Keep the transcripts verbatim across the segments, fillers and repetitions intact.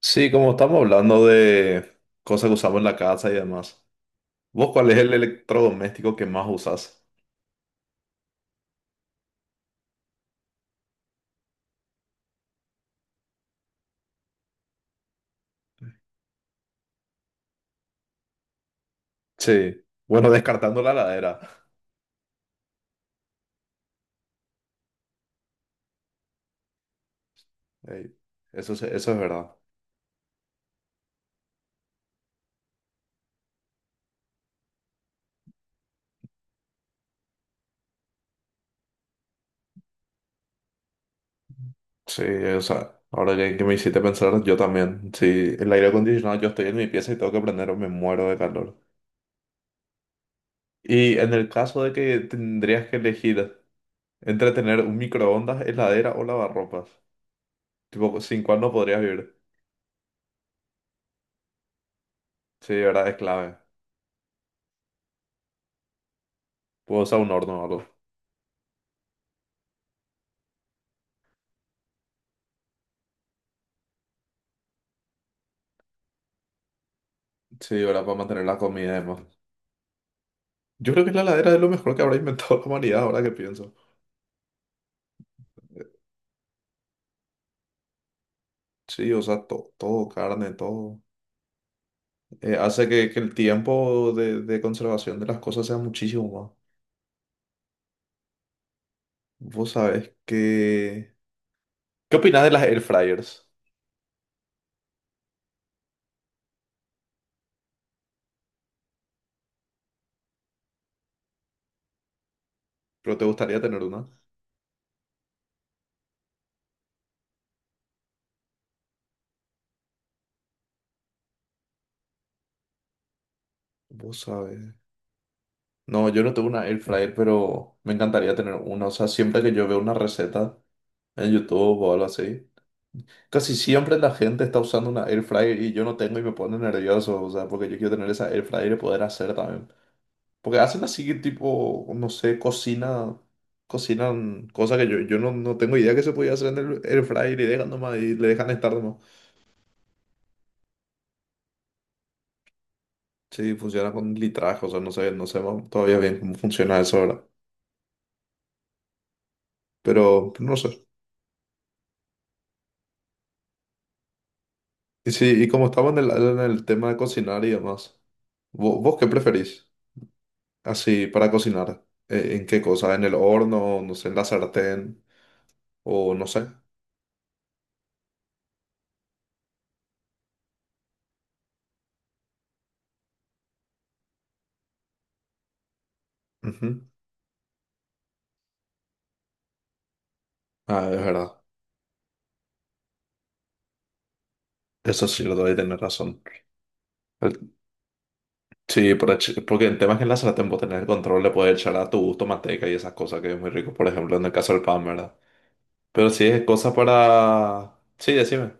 Sí, como estamos hablando de cosas que usamos en la casa y demás. ¿Vos cuál es el electrodoméstico que más usas? Sí. Bueno, descartando la heladera. Ey, eso, se- eso es verdad. Sí, o sea, ahora que, que me hiciste pensar, yo también. Sí, el aire acondicionado, yo estoy en mi pieza y tengo que prender o me muero de calor. Y en el caso de que tendrías que elegir entre tener un microondas, heladera o lavarropas, tipo, sin cuál no podrías vivir. Sí, de verdad, es clave. Puedo usar un horno o algo. Sí, ahora para mantener la comida además. Yo creo que la heladera es lo mejor que habrá inventado la humanidad, ahora que pienso. Eh, Sí, o sea, to- todo, carne, todo. Eh, hace que, que el tiempo de, de conservación de las cosas sea muchísimo más. Vos sabés que. ¿Qué opinás de las air fryers? ¿Pero te gustaría tener una? Vos sabés. No, yo no tengo una air fryer, pero me encantaría tener una. O sea, siempre que yo veo una receta en YouTube o algo así. Casi siempre la gente está usando una air fryer y yo no tengo y me pone nervioso, o sea, porque yo quiero tener esa air fryer y poder hacer también. Porque hacen así tipo, no sé, cocina, cocinan cosas que yo, yo no, no tengo idea que se podía hacer en el air fryer y dejan nomás y le dejan estar nomás. Sí, funciona con litraje, o sea, no sé, no sé más todavía bien cómo funciona eso ahora. Pero no sé. Y sí, y como estamos en el, en el tema de cocinar y demás, ¿vo- ¿vos, qué preferís? Así, para cocinar. Eh, ¿En qué cosa? ¿En el horno? No sé, en la sartén. O no sé. Ujú. Ah, es verdad. Eso sí lo doy tener razón. El- sí, por ech- porque el tema es que en la sartén vos tenés el control, le puedes echar a tu gusto manteca y esas cosas que es muy rico, por ejemplo, en el caso del pan, ¿verdad? Pero sí es cosa para. Sí, decime.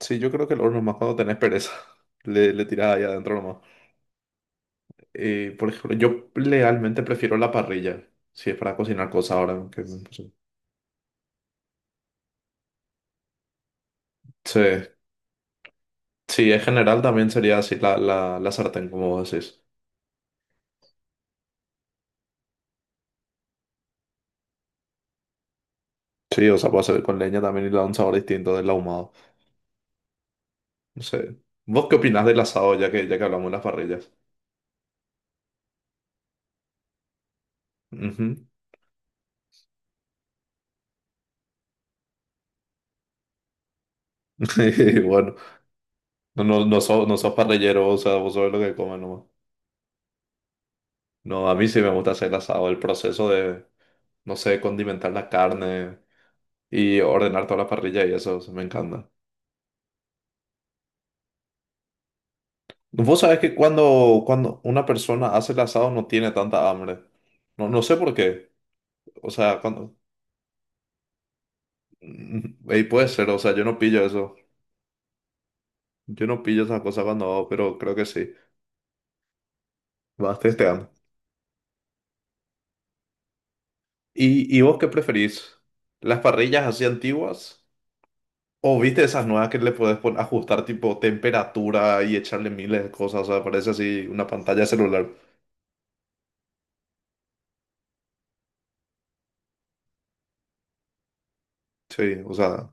Sí, yo creo que el horno es más cuando tenés pereza. Le, le tirás ahí adentro nomás. Eh, por ejemplo, yo realmente prefiero la parrilla. Si es para cocinar cosas ahora. que- Sí. Sí, en general también sería así la, la, la sartén, como vos decís. Sí, o sea, puede ser con leña también y le da un sabor distinto del ahumado. No sé. ¿Vos qué opinás del asado ya que, ya que hablamos de las parrillas? Ujú. Bueno, no, no, no, sos, no sos parrillero, o sea, vos sabés lo que comen nomás. No, a mí sí me gusta hacer el asado, el proceso de, no sé, condimentar la carne y ordenar toda la parrilla y eso, eso me encanta. Vos sabés que cuando, cuando una persona hace el asado no tiene tanta hambre. No, no sé por qué. O sea, cuando. Y puede ser, o sea, yo no pillo eso. Yo no pillo esas cosas cuando hago, pero creo que sí. Vas testeando. ¿Y, y vos qué preferís? ¿Las parrillas así antiguas? ¿O viste esas nuevas que le podés pon- ajustar tipo temperatura y echarle miles de cosas? O sea, parece así una pantalla de celular. Sí, o sea,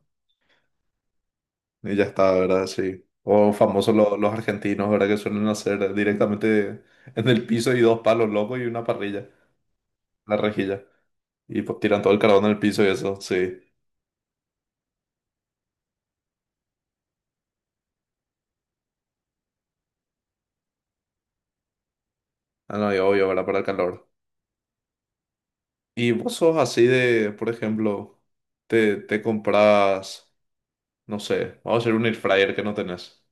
y ya está, ¿verdad? Sí. O famosos lo- los argentinos, ¿verdad? Que suelen hacer directamente en el piso y dos palos locos y una parrilla, la rejilla. Y pues tiran todo el carbón en el piso y eso, sí. Ah, no, y obvio, ¿verdad? Para el calor. Y vos sos así de, por ejemplo, te, te compras, no sé, vamos a hacer un air fryer que no tenés.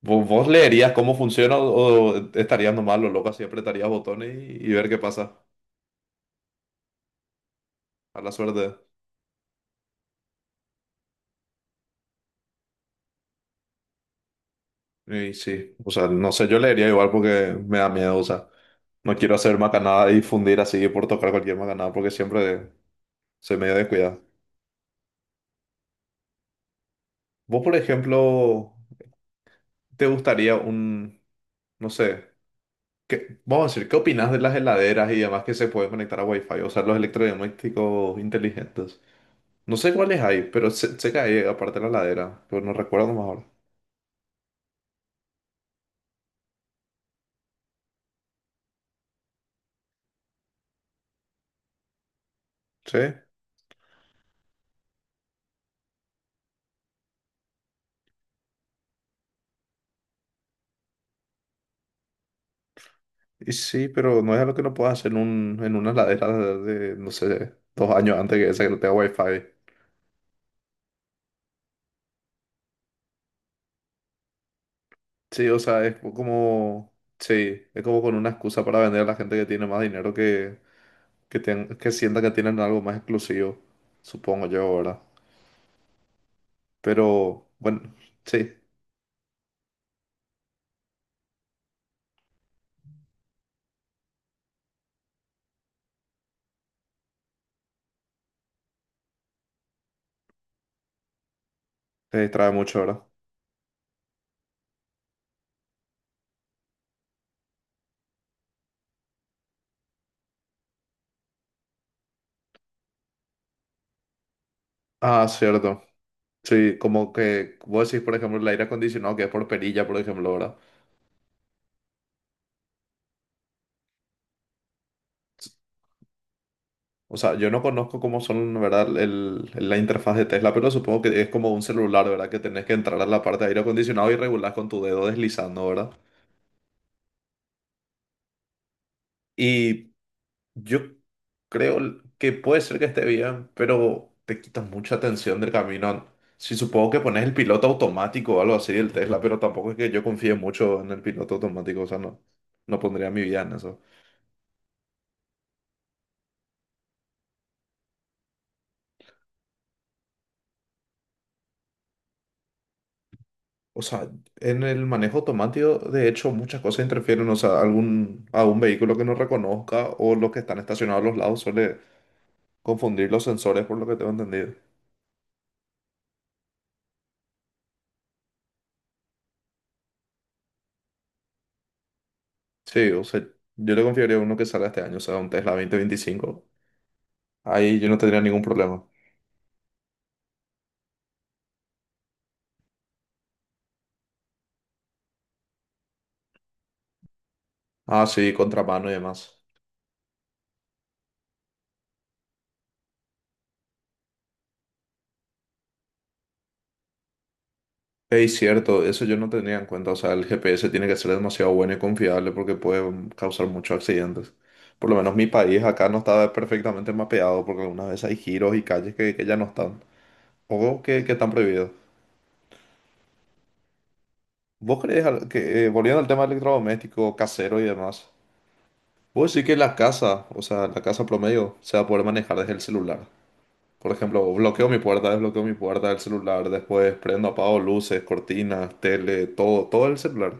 ¿Vos, vos leerías cómo funciona o, o estarías nomás lo loco así apretarías botones y, y ver qué pasa? A la suerte. Y sí, o sea, no sé, yo leería igual porque me da miedo, o sea, no quiero hacer macanada y fundir así por tocar cualquier macanada porque siempre soy medio descuidado. Vos, por ejemplo, ¿te gustaría un, no sé? ¿Qué- vamos a decir, ¿qué opinas de las heladeras y demás que se pueden conectar a Wi-Fi? O sea, los electrodomésticos inteligentes. No sé cuáles hay, pero se sé que aparte de la heladera, pero no recuerdo más ahora. Sí, y sí, pero no es algo que no puedas hacer en, un, en una heladera de, de, no sé, dos años antes que esa que no tenga Wi-Fi. Sí, o sea, es como, sí, es como con una excusa para vender a la gente que tiene más dinero que, que, ten- que sienta que tienen algo más exclusivo, supongo yo, ¿verdad? Pero, bueno, sí, se distrae mucho, ¿verdad? Ah, cierto. Sí, como que vos decís, por ejemplo, el aire acondicionado que es por perilla, por ejemplo, ¿verdad? O sea, yo no conozco cómo son, ¿verdad? El, la interfaz de Tesla, pero supongo que es como un celular, ¿verdad? Que tenés que entrar a la parte de aire acondicionado y regular con tu dedo deslizando, ¿verdad? Y yo creo que puede ser que esté bien, pero te quitas mucha atención del camino. Si supongo que pones el piloto automático o algo así del Tesla, pero tampoco es que yo confíe mucho en el piloto automático, o sea, no, no pondría mi vida en eso. O sea, en el manejo automático, de hecho, muchas cosas interfieren. O sea, algún, a un vehículo que no reconozca o los que están estacionados a los lados suele confundir los sensores, por lo que tengo entendido. Sí, o sea, yo le confiaría a uno que salga este año, o sea, un Tesla dos mil veinticinco. Ahí yo no tendría ningún problema. Ah, sí, contramano y demás. Es cierto, eso yo no tenía en cuenta. O sea, el G P S tiene que ser demasiado bueno y confiable porque puede mm, causar muchos accidentes. Por lo menos mi país acá no estaba perfectamente mapeado porque algunas veces hay giros y calles que, que ya no están. Juegos que, que están prohibidos. ¿Vos crees al- que, eh, volviendo al tema electrodoméstico, casero y demás, vos decís que la casa, o sea, la casa promedio, se va a poder manejar desde el celular? Por ejemplo, bloqueo mi puerta, desbloqueo mi puerta del celular, después prendo, apago luces, cortinas, tele, todo, todo el celular.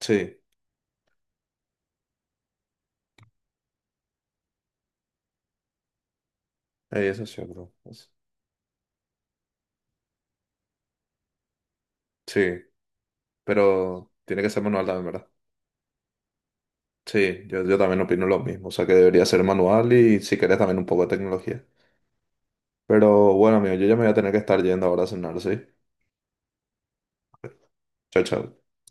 Sí, eh, eso es cierto. Es- Sí, pero tiene que ser manual también, ¿verdad? Sí, yo, yo también opino lo mismo, o sea que debería ser manual y si querés también un poco de tecnología. Pero bueno, amigo, yo ya me voy a tener que estar yendo ahora a cenar, ¿sí? Chao, chao.